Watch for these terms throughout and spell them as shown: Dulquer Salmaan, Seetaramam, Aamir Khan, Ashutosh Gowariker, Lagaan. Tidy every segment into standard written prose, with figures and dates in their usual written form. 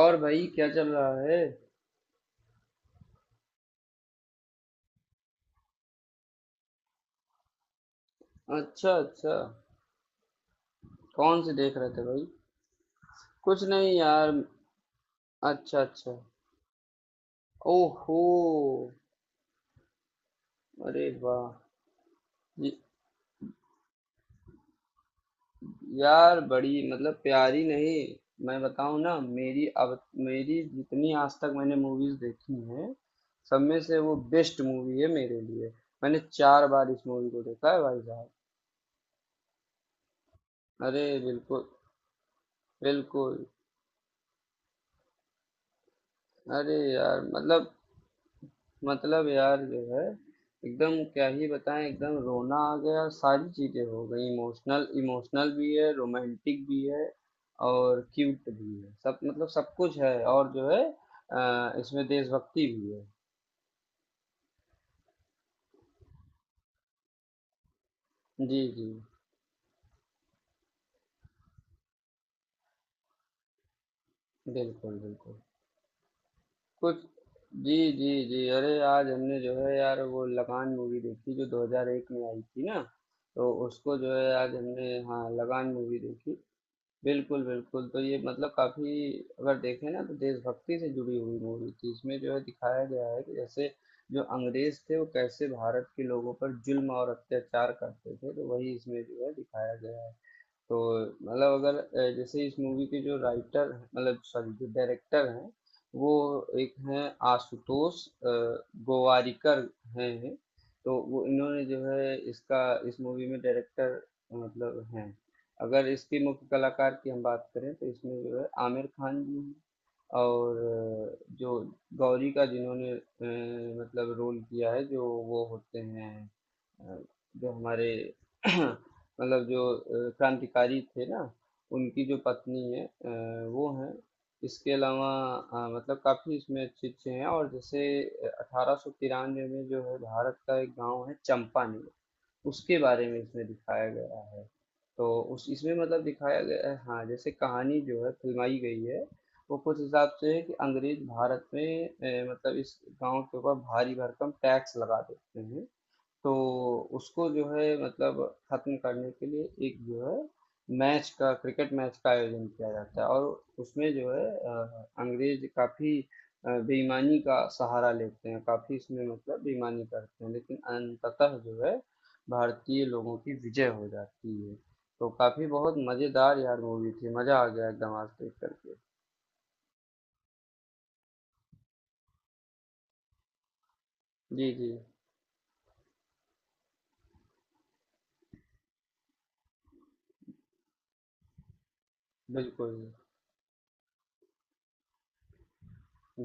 और भाई क्या चल रहा है? अच्छा, अच्छा। कौन सी देख रहे थे, भाई? कुछ नहीं, यार। अच्छा, अच्छा। ओहो। अरे वाह। ये- यार, बड़ी मतलब प्यारी नहीं। मैं बताऊं ना, मेरी अब मेरी जितनी आज तक मैंने मूवीज देखी हैं, सब में से वो बेस्ट मूवी है मेरे लिए। मैंने 4 बार इस मूवी को देखा है, भाई साहब। अरे बिल्कुल, बिल्कुल। अरे यार, मतलब यार जो है, एकदम क्या ही बताएं, एकदम रोना आ गया, सारी चीज़ें हो गई, इमोशनल, इमोशनल भी है, रोमांटिक भी है, और क्यूट भी है, सब मतलब सब कुछ है, और जो है इसमें देशभक्ति भी है। जी, जी। बिल्कुल, बिल्कुल। कुछ जी, जी, जी। अरे, आज हमने जो है यार, वो लगान मूवी देखी, जो 2001 में आई थी ना। तो उसको जो है आज हमने, हाँ, लगान मूवी देखी। बिल्कुल, बिल्कुल। तो ये मतलब काफ़ी, अगर देखें ना, तो देशभक्ति से जुड़ी हुई मूवी थी। इसमें जो है दिखाया गया है कि जैसे जो अंग्रेज़ थे, वो कैसे भारत के लोगों पर ज़ुल्म और अत्याचार करते थे, तो वही इसमें जो है दिखाया गया है। तो मतलब, अगर जैसे इस मूवी के जो राइटर मतलब सॉरी, जो डायरेक्टर हैं, वो एक हैं, आशुतोष गोवारिकर हैं। तो वो इन्होंने जो है इसका, इस मूवी में डायरेक्टर मतलब हैं। अगर इसके मुख्य कलाकार की हम बात करें, तो इसमें जो है आमिर खान जी हैं। और जो गौरी का जिन्होंने मतलब रोल किया है, जो, वो होते हैं, अ, जो हमारे मतलब जो क्रांतिकारी थे ना, उनकी जो पत्नी है, वो हैं। इसके अलावा मतलब काफी इसमें अच्छे अच्छे हैं, और जैसे, 1893 में जो है भारत का एक गांव है, चंपानेर, उसके बारे में इसमें दिखाया गया है। तो उस इसमें मतलब दिखाया गया है, हाँ, जैसे कहानी जो है फिल्माई गई है। वो कुछ हिसाब से है कि अंग्रेज भारत में मतलब इस गांव के ऊपर भारी भरकम टैक्स लगा देते हैं। तो उसको जो है मतलब खत्म करने के लिए एक जो है मैच का, क्रिकेट मैच का आयोजन किया जाता है, और उसमें जो है अंग्रेज काफी बेईमानी का सहारा लेते हैं, काफी इसमें मतलब बेईमानी करते हैं, लेकिन अंततः जो है भारतीय लोगों की विजय हो जाती है। तो काफी बहुत मजेदार यार मूवी थी, मजा आ गया एकदम आज देख करके। जी, जी। बिल्कुल,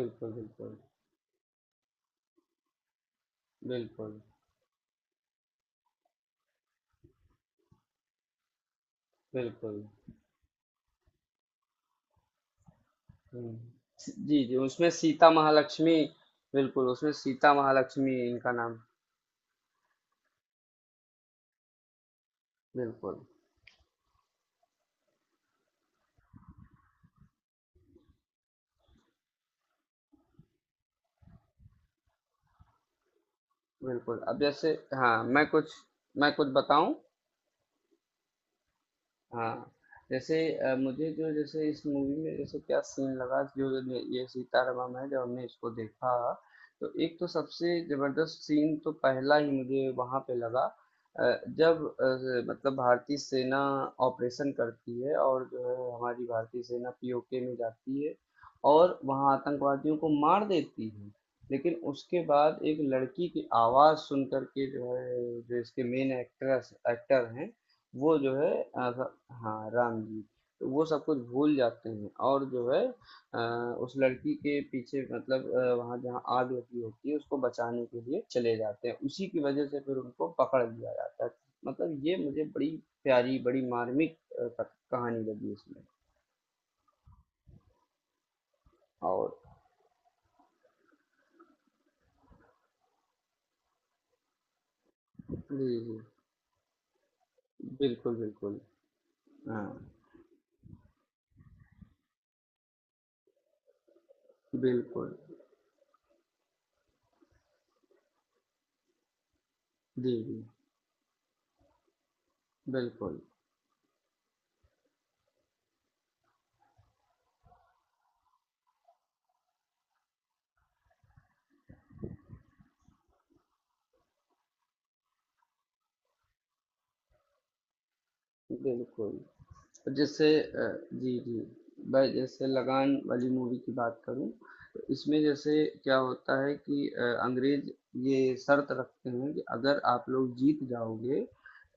बिल्कुल। बिल्कुल, बिल्कुल, बिल्कुल। हम्म। जी, जी, उसमें सीता महालक्ष्मी, बिल्कुल, उसमें सीता महालक्ष्मी इनका नाम, बिल्कुल, बिल्कुल। अब जैसे, हाँ, मैं कुछ, मैं कुछ बताऊँ? हाँ, जैसे मुझे जो जैसे इस मूवी में जैसे क्या सीन लगा, जो ये सीतारामम है, जब हमने इसको देखा, तो एक तो सबसे जबरदस्त सीन तो पहला ही मुझे वहां पे लगा। अ, जब मतलब भारतीय सेना ऑपरेशन करती है और जो है हमारी भारतीय सेना पीओके में जाती है, और वहां आतंकवादियों को मार देती है। लेकिन उसके बाद एक लड़की की आवाज सुन करके जो है, जो इसके मेन एक्ट्रेस एक्टर हैं, वो जो है, हाँ, राम जी, तो वो सब कुछ भूल जाते हैं, और जो है अ, उस लड़की के पीछे मतलब वहाँ जहाँ आग लगी होती है उसको बचाने के लिए चले जाते हैं, उसी की वजह से फिर उनको पकड़ लिया जाता है। मतलब ये मुझे बड़ी प्यारी, बड़ी मार्मिक कहानी लगी इसमें। और जी, जी। बिल्कुल, बिल्कुल। हाँ, बिल्कुल। जी, जी। बिल्कुल, बिल्कुल। तो जैसे जी, जी। मैं जैसे लगान वाली मूवी की बात करूँ, तो इसमें जैसे क्या होता है कि अंग्रेज़ ये शर्त रखते हैं कि अगर आप लोग जीत जाओगे,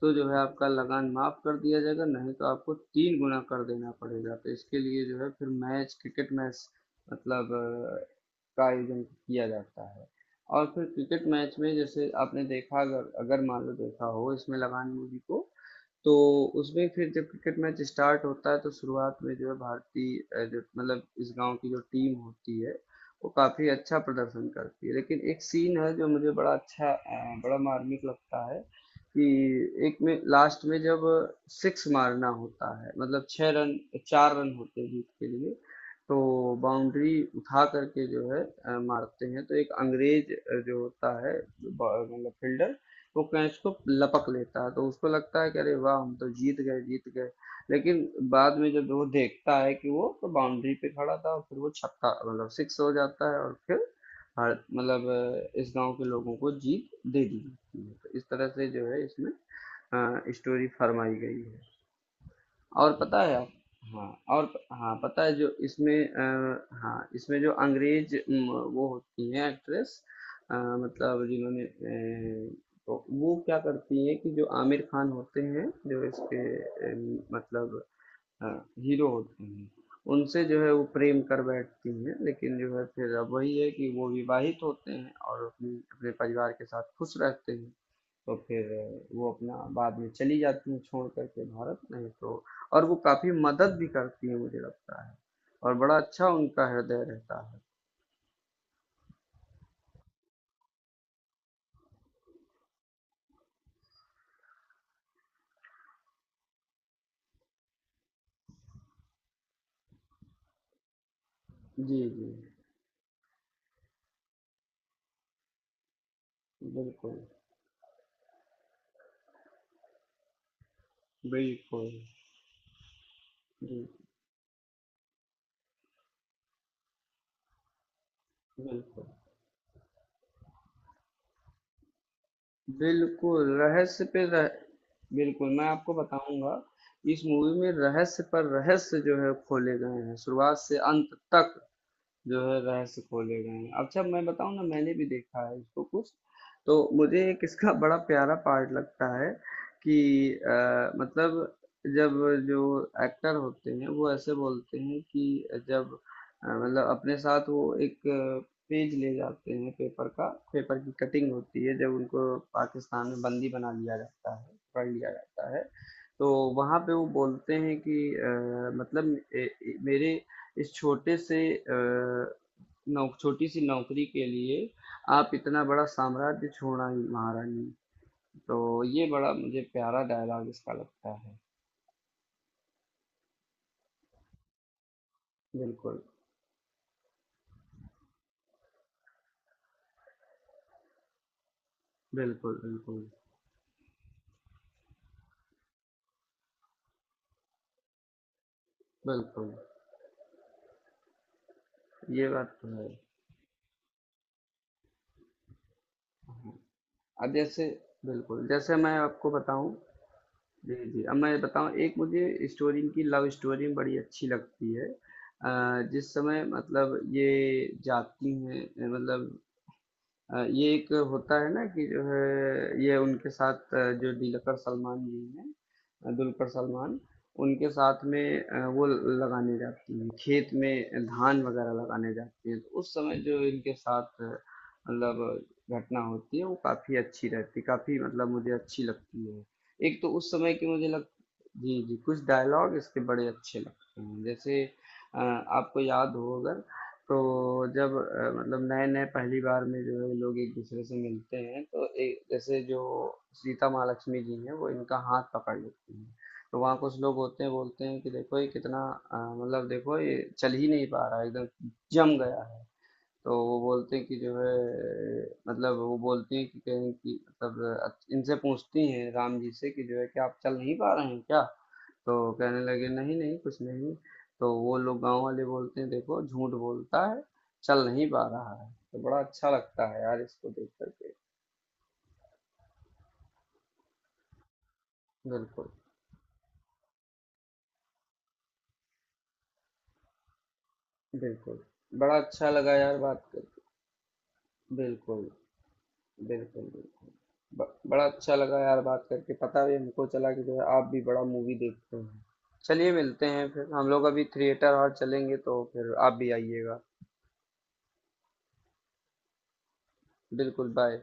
तो जो है आपका लगान माफ़ कर दिया जाएगा, नहीं तो आपको 3 गुना कर देना पड़ेगा। तो इसके लिए जो है फिर मैच क्रिकेट मैच मतलब का आयोजन किया जाता है। और फिर क्रिकेट मैच में जैसे आपने देखा, अगर अगर मान लो देखा हो इसमें लगान मूवी को, तो उसमें फिर जब क्रिकेट मैच स्टार्ट होता है, तो शुरुआत में जो है भारतीय जो मतलब इस गांव की जो टीम होती है, वो काफी अच्छा प्रदर्शन करती है, लेकिन एक सीन है जो मुझे बड़ा अच्छा बड़ा मार्मिक लगता है, कि एक में लास्ट में जब सिक्स मारना होता है मतलब 6 रन, 4 रन होते हैं जीत के लिए, तो बाउंड्री उठा करके जो है मारते हैं, तो एक अंग्रेज जो होता है, मतलब फील्डर, वो कैच को लपक लेता है, तो उसको लगता है कि अरे वाह, हम तो जीत गए, जीत गए। लेकिन बाद में जब वो देखता है कि वो तो बाउंड्री पे खड़ा था, और फिर वो छक्का मतलब सिक्स हो जाता है, और फिर हर मतलब इस गांव के लोगों को जीत दे दी जाती है। तो इस तरह से जो है इसमें स्टोरी फरमाई गई है। और पता है हाँ और, हाँ पता है जो इसमें हाँ इसमें जो अंग्रेज वो होती हैं एक्ट्रेस, मतलब जिन्होंने तो वो क्या करती हैं कि जो आमिर खान होते हैं, जो इसके अ, मतलब हीरो होते हैं, उनसे जो है वो प्रेम कर बैठती हैं, लेकिन जो है फिर अब वही है कि वो विवाहित होते हैं और अपनी अपने परिवार के साथ खुश रहते हैं। तो फिर वो अपना बाद में चली जाती हैं छोड़ करके भारत, नहीं तो, और वो काफ़ी मदद भी करती हैं मुझे लगता है, और बड़ा अच्छा उनका हृदय रहता है। जी, जी। बिल्कुल, बिल्कुल। जी, बिल्कुल। बिल्कुल रहस्य पे रह, बिल्कुल, मैं आपको बताऊंगा। इस मूवी में रहस्य पर रहस्य जो है खोले गए हैं, शुरुआत से अंत तक जो है रहस्य खोले गए हैं। अच्छा, मैं बताऊं ना, मैंने भी देखा है इसको कुछ। तो मुझे एक इसका बड़ा प्यारा पार्ट लगता है कि मतलब जब जो एक्टर होते हैं वो ऐसे बोलते हैं कि जब मतलब अपने साथ वो एक पेज ले जाते हैं, पेपर का, पेपर की कटिंग होती है, जब उनको पाकिस्तान में बंदी बना लिया जाता है, पकड़ लिया जाता है, तो वहां पे वो बोलते हैं कि मतलब मेरे इस छोटे से नौ छोटी सी नौकरी के लिए आप इतना बड़ा साम्राज्य छोड़ना ही महारानी। तो ये बड़ा मुझे प्यारा डायलॉग इसका लगता है। बिल्कुल, बिल्कुल। बिल्कुल, बिल्कुल। ये बात तो है। हाँ। अब जैसे, बिल्कुल जैसे मैं आपको बताऊं, जी, जी। अब मैं बताऊं, एक मुझे स्टोरी, इनकी लव स्टोरी बड़ी अच्छी लगती है। जिस समय मतलब ये जाती हैं मतलब ये एक होता है ना कि जो है ये उनके साथ जो दिलकर सलमान जी हैं, दुलकर सलमान, उनके साथ में वो लगाने जाती हैं, खेत में धान वगैरह लगाने जाती हैं, तो उस समय जो इनके साथ मतलब घटना होती है वो काफी अच्छी रहती, काफी मतलब मुझे अच्छी लगती है। एक तो उस समय की मुझे लग, जी, जी, कुछ डायलॉग इसके बड़े अच्छे लगते हैं, जैसे आपको याद हो अगर, तो जब मतलब नए-नए पहली बार में जो है लोग एक-दूसरे से मिलते हैं, तो एक जैसे जो सीता माँ लक्ष्मी जी हैं वो इनका हाथ पकड़ लेती हैं। तो वहाँ कुछ लोग होते हैं, बोलते हैं कि देखो ये कितना मतलब देखो ये चल ही नहीं पा रहा है एकदम, जम गया है। तो वो बोलते हैं कि जो है मतलब वो बोलती हैं कि कहीं कि मतलब इनसे पूछती हैं राम जी से कि जो है कि आप चल नहीं पा रहे हैं क्या? तो कहने लगे नहीं नहीं कुछ नहीं। तो वो लोग गांव वाले बोलते हैं, देखो झूठ बोलता है, चल नहीं पा रहा है। तो बड़ा अच्छा लगता है यार इसको देख करके। बिल्कुल, बिल्कुल। बड़ा अच्छा लगा यार बात कर, बिल्कुल, बिल्कुल, बिल्कुल। बड़ा अच्छा लगा यार बात करके, पता भी हमको चला कि जो है आप भी बड़ा मूवी देखते हैं। चलिए मिलते हैं फिर, हम लोग अभी थिएटर और चलेंगे, तो फिर आप भी आइएगा। बिल्कुल, बाय।